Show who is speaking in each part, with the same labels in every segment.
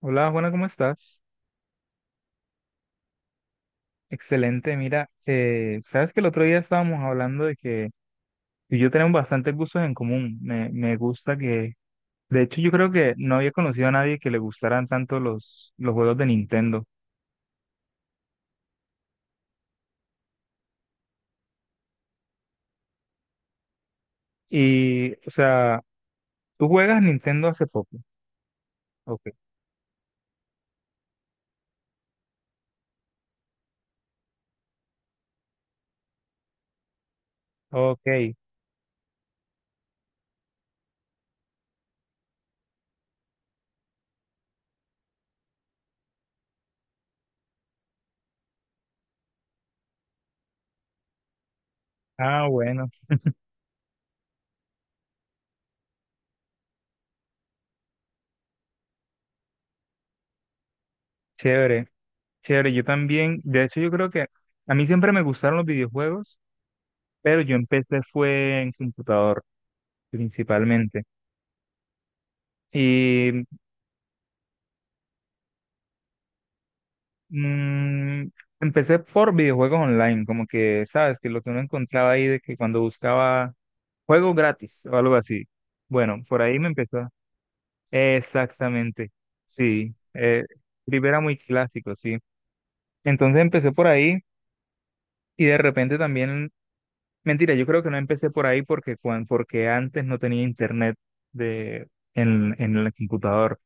Speaker 1: Hola Juana, ¿cómo estás? Excelente, mira, sabes que el otro día estábamos hablando de que tú y yo tenemos bastantes gustos en común. Me gusta que, de hecho, yo creo que no había conocido a nadie que le gustaran tanto los juegos de Nintendo. Y, o sea, tú juegas Nintendo hace poco. Ok. Ok. Ah, bueno, chévere, chévere. Yo también, de hecho, yo creo que a mí siempre me gustaron los videojuegos, pero yo empecé fue en computador principalmente. Y Mm, Empecé por videojuegos online, como que, ¿sabes? Que lo que uno encontraba ahí de que cuando buscaba juego gratis o algo así. Bueno, por ahí me empezó. Exactamente, sí. Free era muy clásico, sí. Entonces empecé por ahí y de repente también, mentira, yo creo que no empecé por ahí porque, porque antes no tenía internet de, en el computador.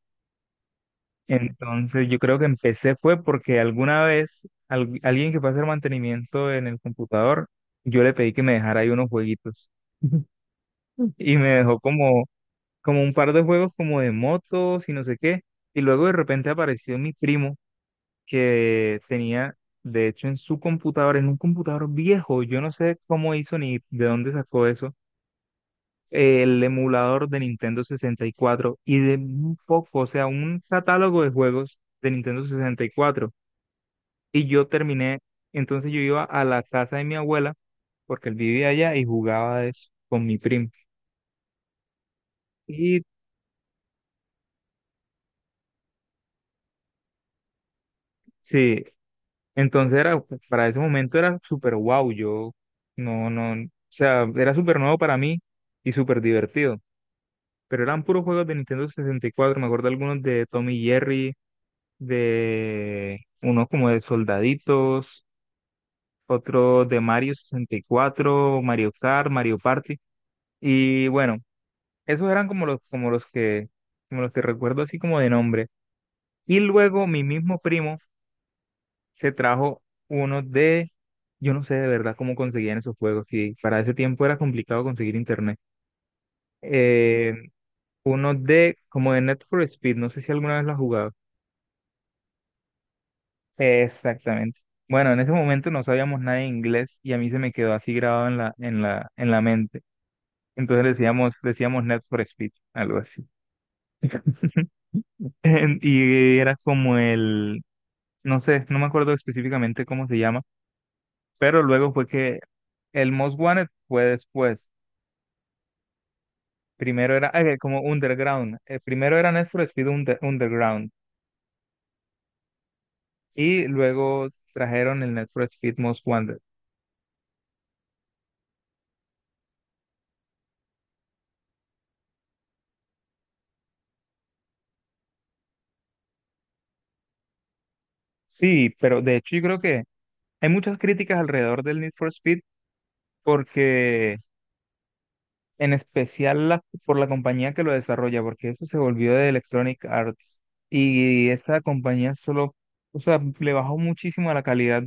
Speaker 1: Entonces, yo creo que empecé fue porque alguna vez alguien que fue a hacer mantenimiento en el computador, yo le pedí que me dejara ahí unos jueguitos y me dejó como, como un par de juegos como de motos y no sé qué. Y luego de repente apareció mi primo que tenía, de hecho, en su computador, en un computador viejo, yo no sé cómo hizo ni de dónde sacó eso, el emulador de Nintendo 64 y cuatro y de un poco, o sea, un catálogo de juegos de Nintendo 64. Y yo terminé, entonces yo iba a la casa de mi abuela, porque él vivía allá y jugaba eso con mi primo. Y sí, entonces era, para ese momento era súper wow. Yo no, no, o sea, era súper nuevo para mí y súper divertido. Pero eran puros juegos de Nintendo 64, me acuerdo algunos de Tommy y Jerry, de unos como de soldaditos, otros de Mario 64, Mario Kart, Mario Party. Y bueno. Esos eran como los que recuerdo así como de nombre. Y luego mi mismo primo se trajo uno de, yo no sé de verdad cómo conseguían esos juegos, y para ese tiempo era complicado conseguir internet. Eh, uno de, como de Net for Speed, no sé si alguna vez lo has jugado. Exactamente. Bueno, en ese momento no sabíamos nada de inglés y a mí se me quedó así grabado en la mente. Entonces decíamos Net for Speed, algo así. Y era como el no sé, no me acuerdo específicamente cómo se llama, pero luego fue que el Most Wanted fue después. Primero era como Underground. Primero era Need for Speed Underground y luego trajeron el Need for Speed Most Wanted. Sí, pero de hecho yo creo que hay muchas críticas alrededor del Need for Speed porque en especial por la compañía que lo desarrolla, porque eso se volvió de Electronic Arts y esa compañía solo, o sea, le bajó muchísimo a la calidad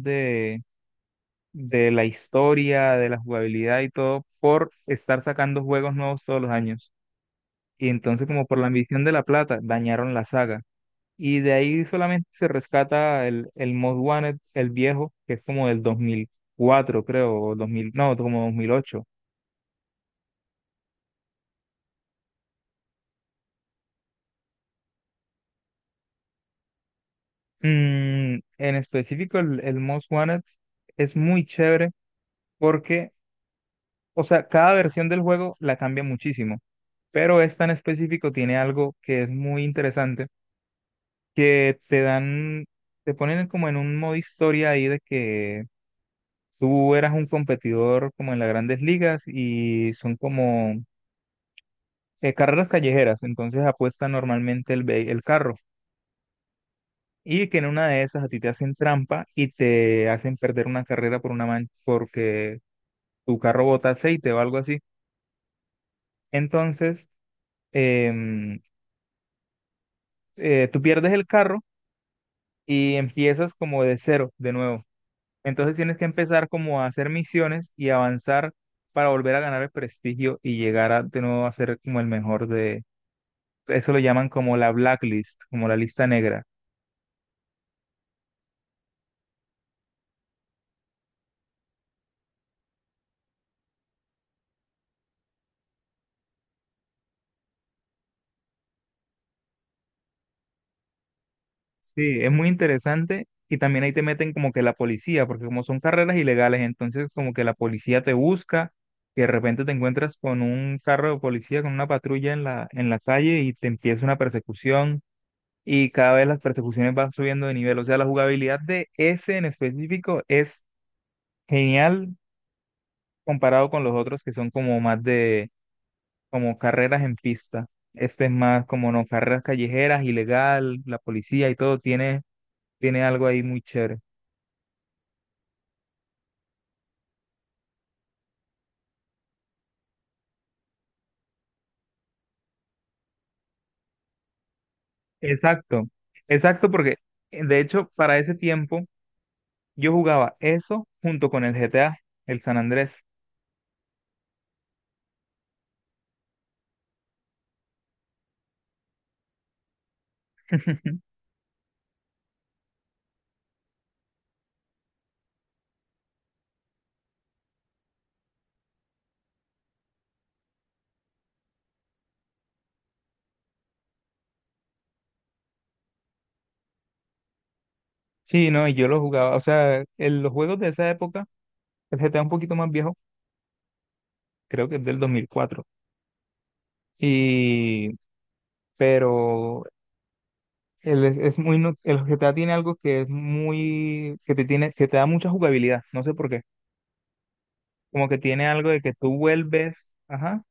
Speaker 1: de la historia, de la jugabilidad y todo, por estar sacando juegos nuevos todos los años. Y entonces, como por la ambición de la plata, dañaron la saga. Y de ahí solamente se rescata el Most Wanted, el viejo, que es como del 2004, creo, o 2000, no, como 2008. Mm, en específico, el Most Wanted es muy chévere porque, o sea, cada versión del juego la cambia muchísimo, pero esta en específico tiene algo que es muy interesante que te dan, te ponen como en un modo historia ahí de que tú eras un competidor como en las grandes ligas y son como carreras callejeras, entonces apuesta normalmente el carro y que en una de esas a ti te hacen trampa y te hacen perder una carrera por una mancha porque tu carro bota aceite o algo así. Entonces, em, tú pierdes el carro y empiezas como de cero de nuevo. Entonces tienes que empezar como a hacer misiones y avanzar para volver a ganar el prestigio y llegar a de nuevo a ser como el mejor de... Eso lo llaman como la blacklist, como la lista negra. Sí, es muy interesante y también ahí te meten como que la policía, porque como son carreras ilegales, entonces como que la policía te busca y de repente te encuentras con un carro de policía, con una patrulla en la calle y te empieza una persecución y cada vez las persecuciones van subiendo de nivel. O sea, la jugabilidad de ese en específico es genial comparado con los otros que son como más de, como carreras en pista. Este es más como, no, carreras callejeras, ilegal, la policía y todo, tiene, tiene algo ahí muy chévere. Exacto, exacto, porque de hecho para ese tiempo yo jugaba eso junto con el GTA, el San Andrés. Sí, no, y yo lo jugaba, o sea, en los juegos de esa época, el GTA un poquito más viejo, creo que es del 2004 y, pero el, es muy, el GTA tiene algo que es muy, que te tiene, que te da mucha jugabilidad, no sé por qué, como que tiene algo de que tú vuelves, ajá,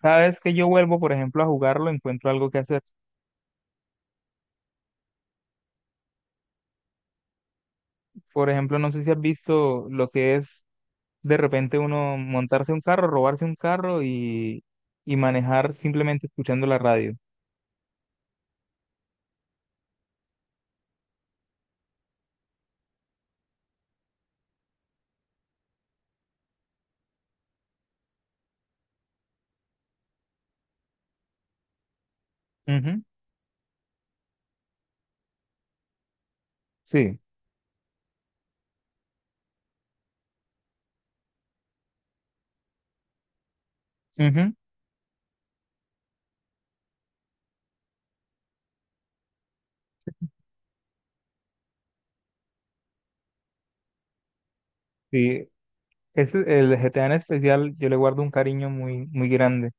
Speaker 1: cada vez que yo vuelvo, por ejemplo, a jugarlo, encuentro algo que hacer. Por ejemplo, no sé si has visto lo que es de repente uno montarse un carro, robarse un carro y manejar simplemente escuchando la radio. Ujú. Sí, ujú, sí. Ese, el GTA en especial, yo le guardo un cariño muy, muy grande,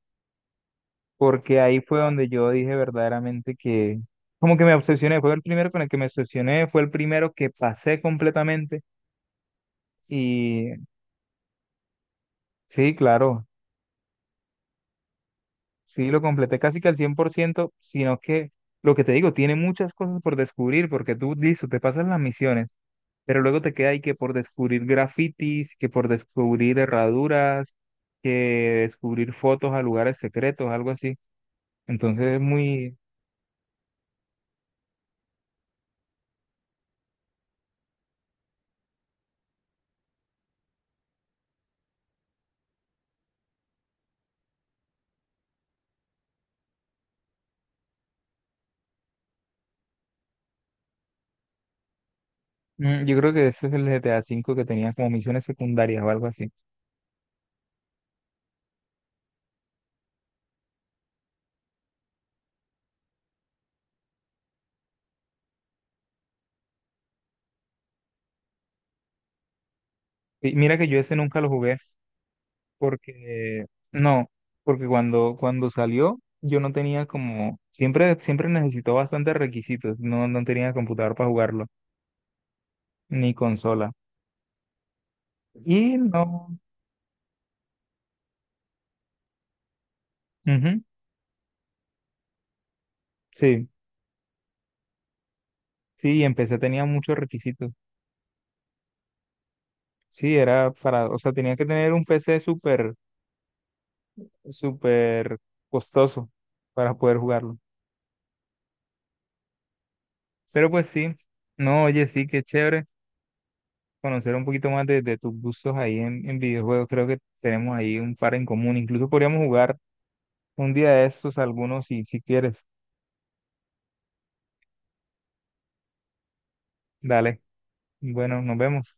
Speaker 1: porque ahí fue donde yo dije verdaderamente que como que me obsesioné, fue el primero con el que me obsesioné, fue el primero que pasé completamente y sí, claro, sí lo completé casi que al 100% sino que lo que te digo, tiene muchas cosas por descubrir porque tú, listo, te pasas las misiones, pero luego te queda ahí que por descubrir grafitis, que por descubrir herraduras, que descubrir fotos a lugares secretos, algo así. Entonces es muy. Yo creo que ese es el GTA cinco que tenía como misiones secundarias o algo así. Y mira que yo ese nunca lo jugué porque, no, porque cuando, cuando salió yo no tenía como, siempre, siempre necesitó bastantes requisitos, no, no tenía computador para jugarlo, ni consola. Y no, ujú, sí, sí, y empecé tenía muchos requisitos. Sí, era para, o sea, tenía que tener un PC súper, súper costoso para poder jugarlo. Pero pues sí, no, oye, sí, qué chévere conocer un poquito más de tus gustos ahí en videojuegos. Creo que tenemos ahí un par en común. Incluso podríamos jugar un día de estos algunos si quieres. Dale. Bueno, nos vemos.